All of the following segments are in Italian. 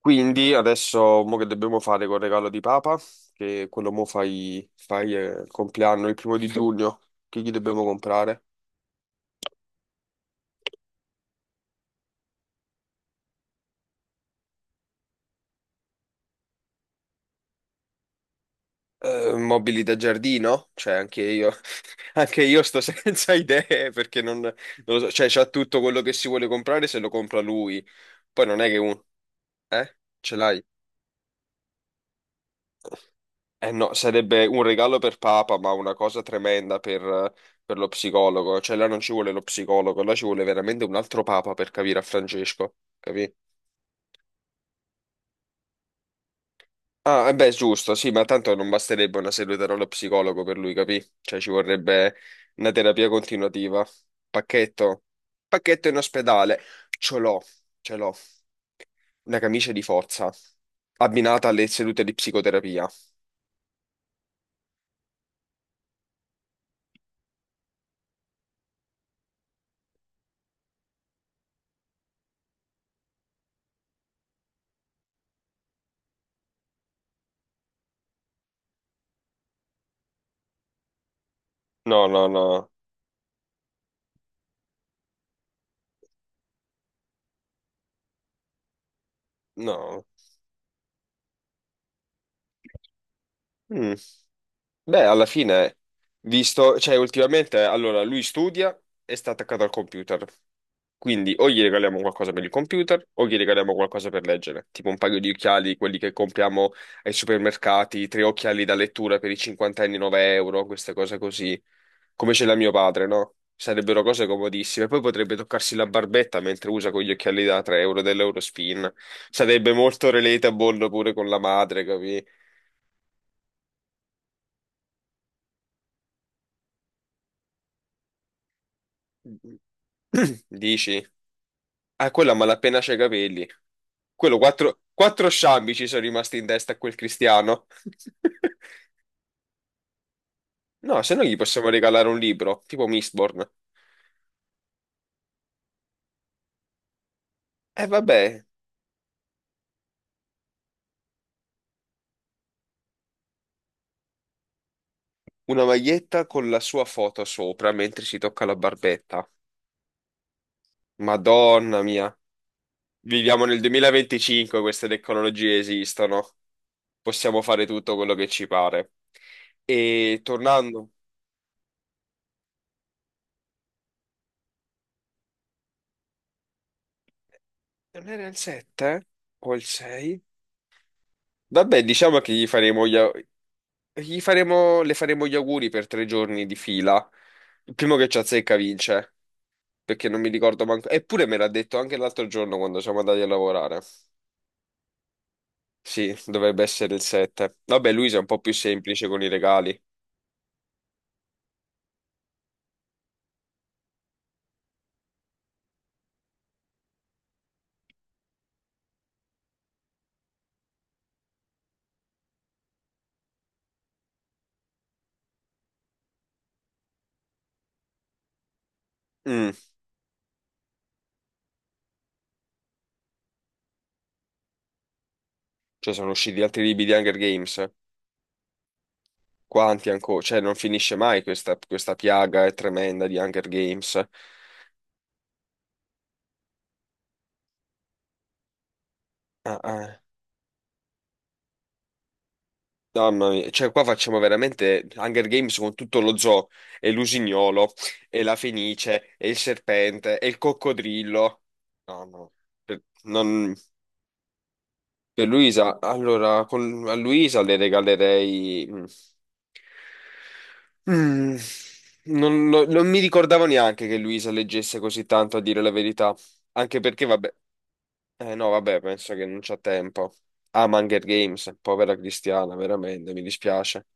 Quindi adesso mo che dobbiamo fare col regalo di Papa, che quello mo fai, fai il compleanno il primo di giugno, che gli dobbiamo comprare? Mobili da giardino? Cioè anche io, anche io sto senza idee perché non lo so, cioè c'ha tutto quello che si vuole comprare se lo compra lui, poi non è che un... Eh? Ce l'hai? Eh no, sarebbe un regalo per Papa, ma una cosa tremenda per lo psicologo. Cioè, là non ci vuole lo psicologo, là ci vuole veramente un altro Papa per capire a Francesco, capì? Ah, eh beh, giusto, sì, ma tanto non basterebbe una seduta dallo psicologo per lui, capì? Cioè, ci vorrebbe una terapia continuativa. Pacchetto. Pacchetto in ospedale. Ce l'ho, ce l'ho. Una camicia di forza, abbinata alle sedute di psicoterapia. No, no, no, no. Mm. Beh, alla fine, visto, cioè ultimamente, allora lui studia e sta attaccato al computer, quindi o gli regaliamo qualcosa per il computer o gli regaliamo qualcosa per leggere, tipo un paio di occhiali, quelli che compriamo ai supermercati, tre occhiali da lettura per i cinquantenni, 9 euro, queste cose così, come ce l'ha mio padre, no? Sarebbero cose comodissime. Poi potrebbe toccarsi la barbetta mentre usa con gli occhiali da 3 euro dell'Eurospin. Sarebbe molto relatable pure con la madre, capi? Dici? Ah, quello a malapena c'ha i capelli. Quello, quattro sciambi ci sono rimasti in testa a quel Cristiano. No, se no gli possiamo regalare un libro, tipo Mistborn. E vabbè, una maglietta con la sua foto sopra mentre si tocca la barbetta. Madonna mia. Viviamo nel 2025, queste tecnologie esistono. Possiamo fare tutto quello che ci pare. E tornando... Non era il 7? O il 6? Vabbè, diciamo che gli faremo gli faremo, le faremo gli auguri per tre giorni di fila. Il primo che ci azzecca vince, perché non mi ricordo manco. Eppure me l'ha detto anche l'altro giorno quando siamo andati a lavorare. Sì, dovrebbe essere il 7. Vabbè, Luisa è un po' più semplice con i regali. Mm, cioè sono usciti altri libri di Hunger Games. Quanti ancora? Cioè non finisce mai questa piaga è tremenda di Hunger Games. Ah, ah. Mamma mia, cioè qua facciamo veramente Hunger Games con tutto lo zoo, e l'usignolo, e la fenice, e il serpente, e il coccodrillo. No, no, per, non- per Luisa, allora, a Luisa le regalerei... mm, mm, non mi ricordavo neanche che Luisa leggesse così tanto, a dire la verità, anche perché, vabbè, eh no, vabbè, penso che non c'ha tempo. Ama Hunger Games, povera Cristiana, veramente, mi dispiace.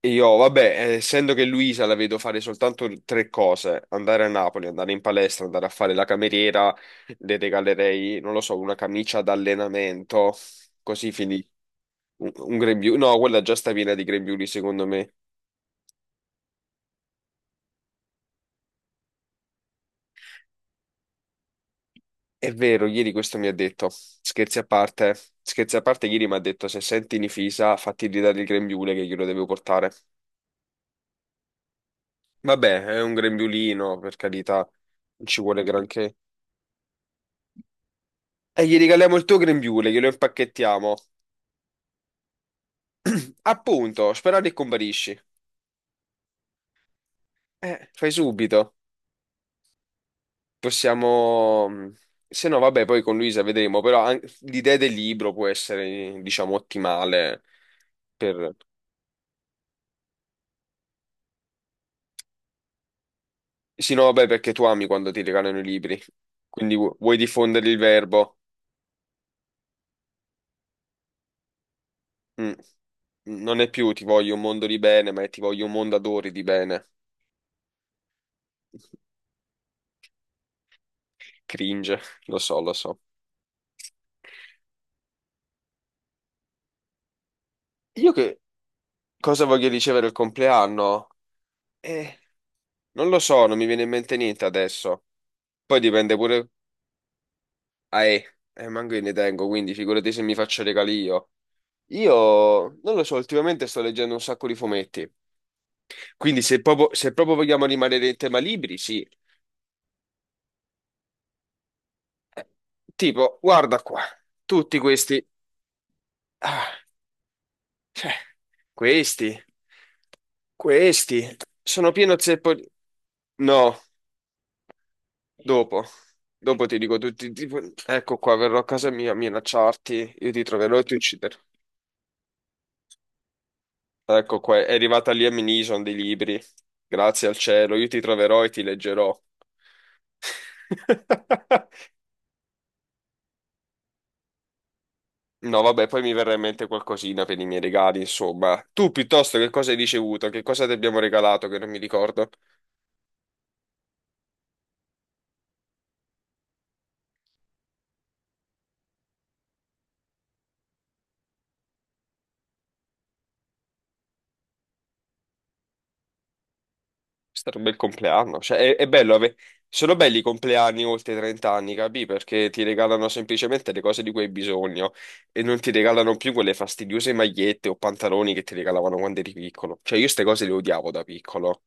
Io, vabbè, essendo che Luisa la vedo fare soltanto tre cose, andare a Napoli, andare in palestra, andare a fare la cameriera, le regalerei, non lo so, una camicia d'allenamento, così finì. Un grembiule, no, quella già sta piena di grembiuli, secondo me. È vero, ieri questo mi ha detto, scherzi a parte, ieri mi ha detto, se senti Nifisa, fatti ridare il grembiule che glielo devo portare. Vabbè, è un grembiulino, per carità, non ci vuole granché. E gli regaliamo il tuo grembiule, glielo impacchettiamo. Appunto, sperando che comparisci. Fai subito. Possiamo... mm, se no, vabbè, poi con Luisa vedremo, però l'idea del libro può essere, diciamo, ottimale per... Sì, no, vabbè, perché tu ami quando ti regalano i libri, quindi vuoi diffondere il verbo. Mm. Non è più ti voglio un mondo di bene, ma è ti voglio un mondo adori di bene. Cringe, lo so, lo so. Io che cosa voglio ricevere il compleanno? Eh, non lo so, non mi viene in mente niente adesso. Poi dipende pure... Ah, eh, manco io ne tengo, quindi figurati se mi faccio regali io. Io, non lo so, ultimamente sto leggendo un sacco di fumetti. Quindi se proprio vogliamo rimanere in tema libri, sì. Eh, tipo, guarda qua, tutti questi... Ah, cioè, questi, questi, sono pieno zeppo... No. Dopo, dopo ti dico tutti, tipo, ecco qua, verrò a casa mia a minacciarti, io ti troverò e ti ucciderò. Ecco qua, è arrivata lì a Minison dei libri, grazie al cielo, io ti troverò e ti leggerò. No, vabbè, poi mi verrà in mente qualcosina per i miei regali, insomma. Tu piuttosto che cosa hai ricevuto? Che cosa ti abbiamo regalato che non mi ricordo? È stato un bel compleanno, sono belli i compleanni oltre i 30 anni, capì? Perché ti regalano semplicemente le cose di cui hai bisogno e non ti regalano più quelle fastidiose magliette o pantaloni che ti regalavano quando eri piccolo. Cioè io queste cose le odiavo da piccolo,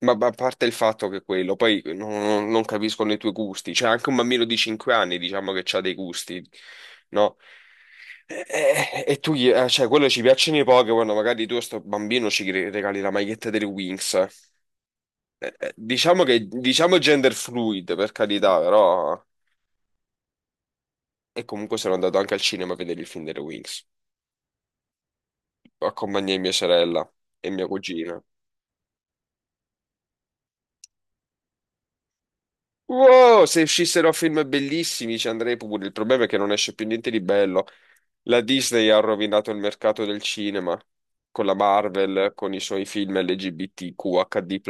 ma a parte il fatto che quello, poi non, non- non capiscono i tuoi gusti, cioè anche un bambino di 5 anni diciamo che ha dei gusti, no? E tu, cioè quello ci piacciono i Pokémon, magari tu a sto bambino ci regali la maglietta delle Wings. Diciamo che diciamo gender fluid, per carità, però. E comunque sono andato anche al cinema a vedere il film delle Wings. Accompagnai mia sorella e mia cugina. Wow, se uscissero film bellissimi ci andrei pure. Il problema è che non esce più niente di bello. La Disney ha rovinato il mercato del cinema con la Marvel, con i suoi film LGBTQHD+.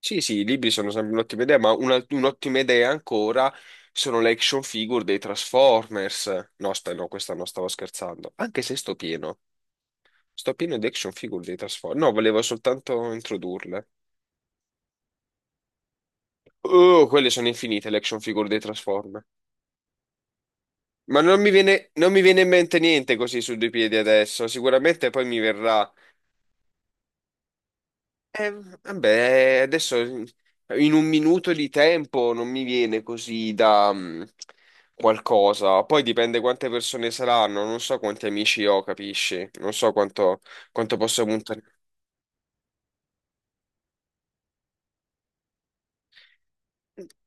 Sì, sì, i libri sono sempre un'ottima idea, ma un'ottima idea ancora sono le action figure dei Transformers. No, aspetta, no, questa no, stavo scherzando. Anche se sto pieno, sto pieno di action figure dei Transformers. No, volevo soltanto introdurle. Oh, quelle sono infinite le action figure dei Transformers. Non mi viene in mente niente così su due piedi adesso, sicuramente poi mi verrà. Eh, vabbè, adesso in un minuto di tempo non mi viene così da mm, qualcosa. Poi dipende quante persone saranno, non so quanti amici ho, capisci? Non so quanto, quanto posso puntare.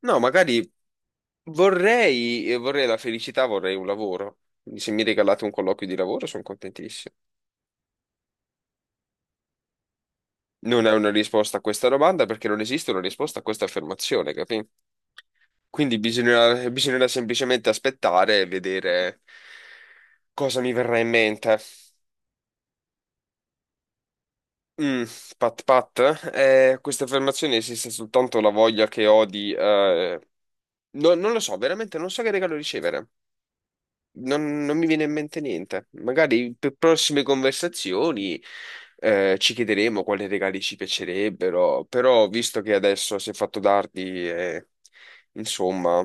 No, magari vorrei, vorrei la felicità, vorrei un lavoro. Quindi se mi regalate un colloquio di lavoro sono contentissimo. Non è una risposta a questa domanda perché non esiste una risposta a questa affermazione, capì? Quindi bisognerà semplicemente aspettare e vedere cosa mi verrà in mente. Mm, pat pat, questa affermazione esiste soltanto la voglia che ho di... non lo so, veramente non so che regalo ricevere. Non mi viene in mente niente. Magari per prossime conversazioni ci chiederemo quali regali ci piacerebbero, però visto che adesso si è fatto tardi, insomma...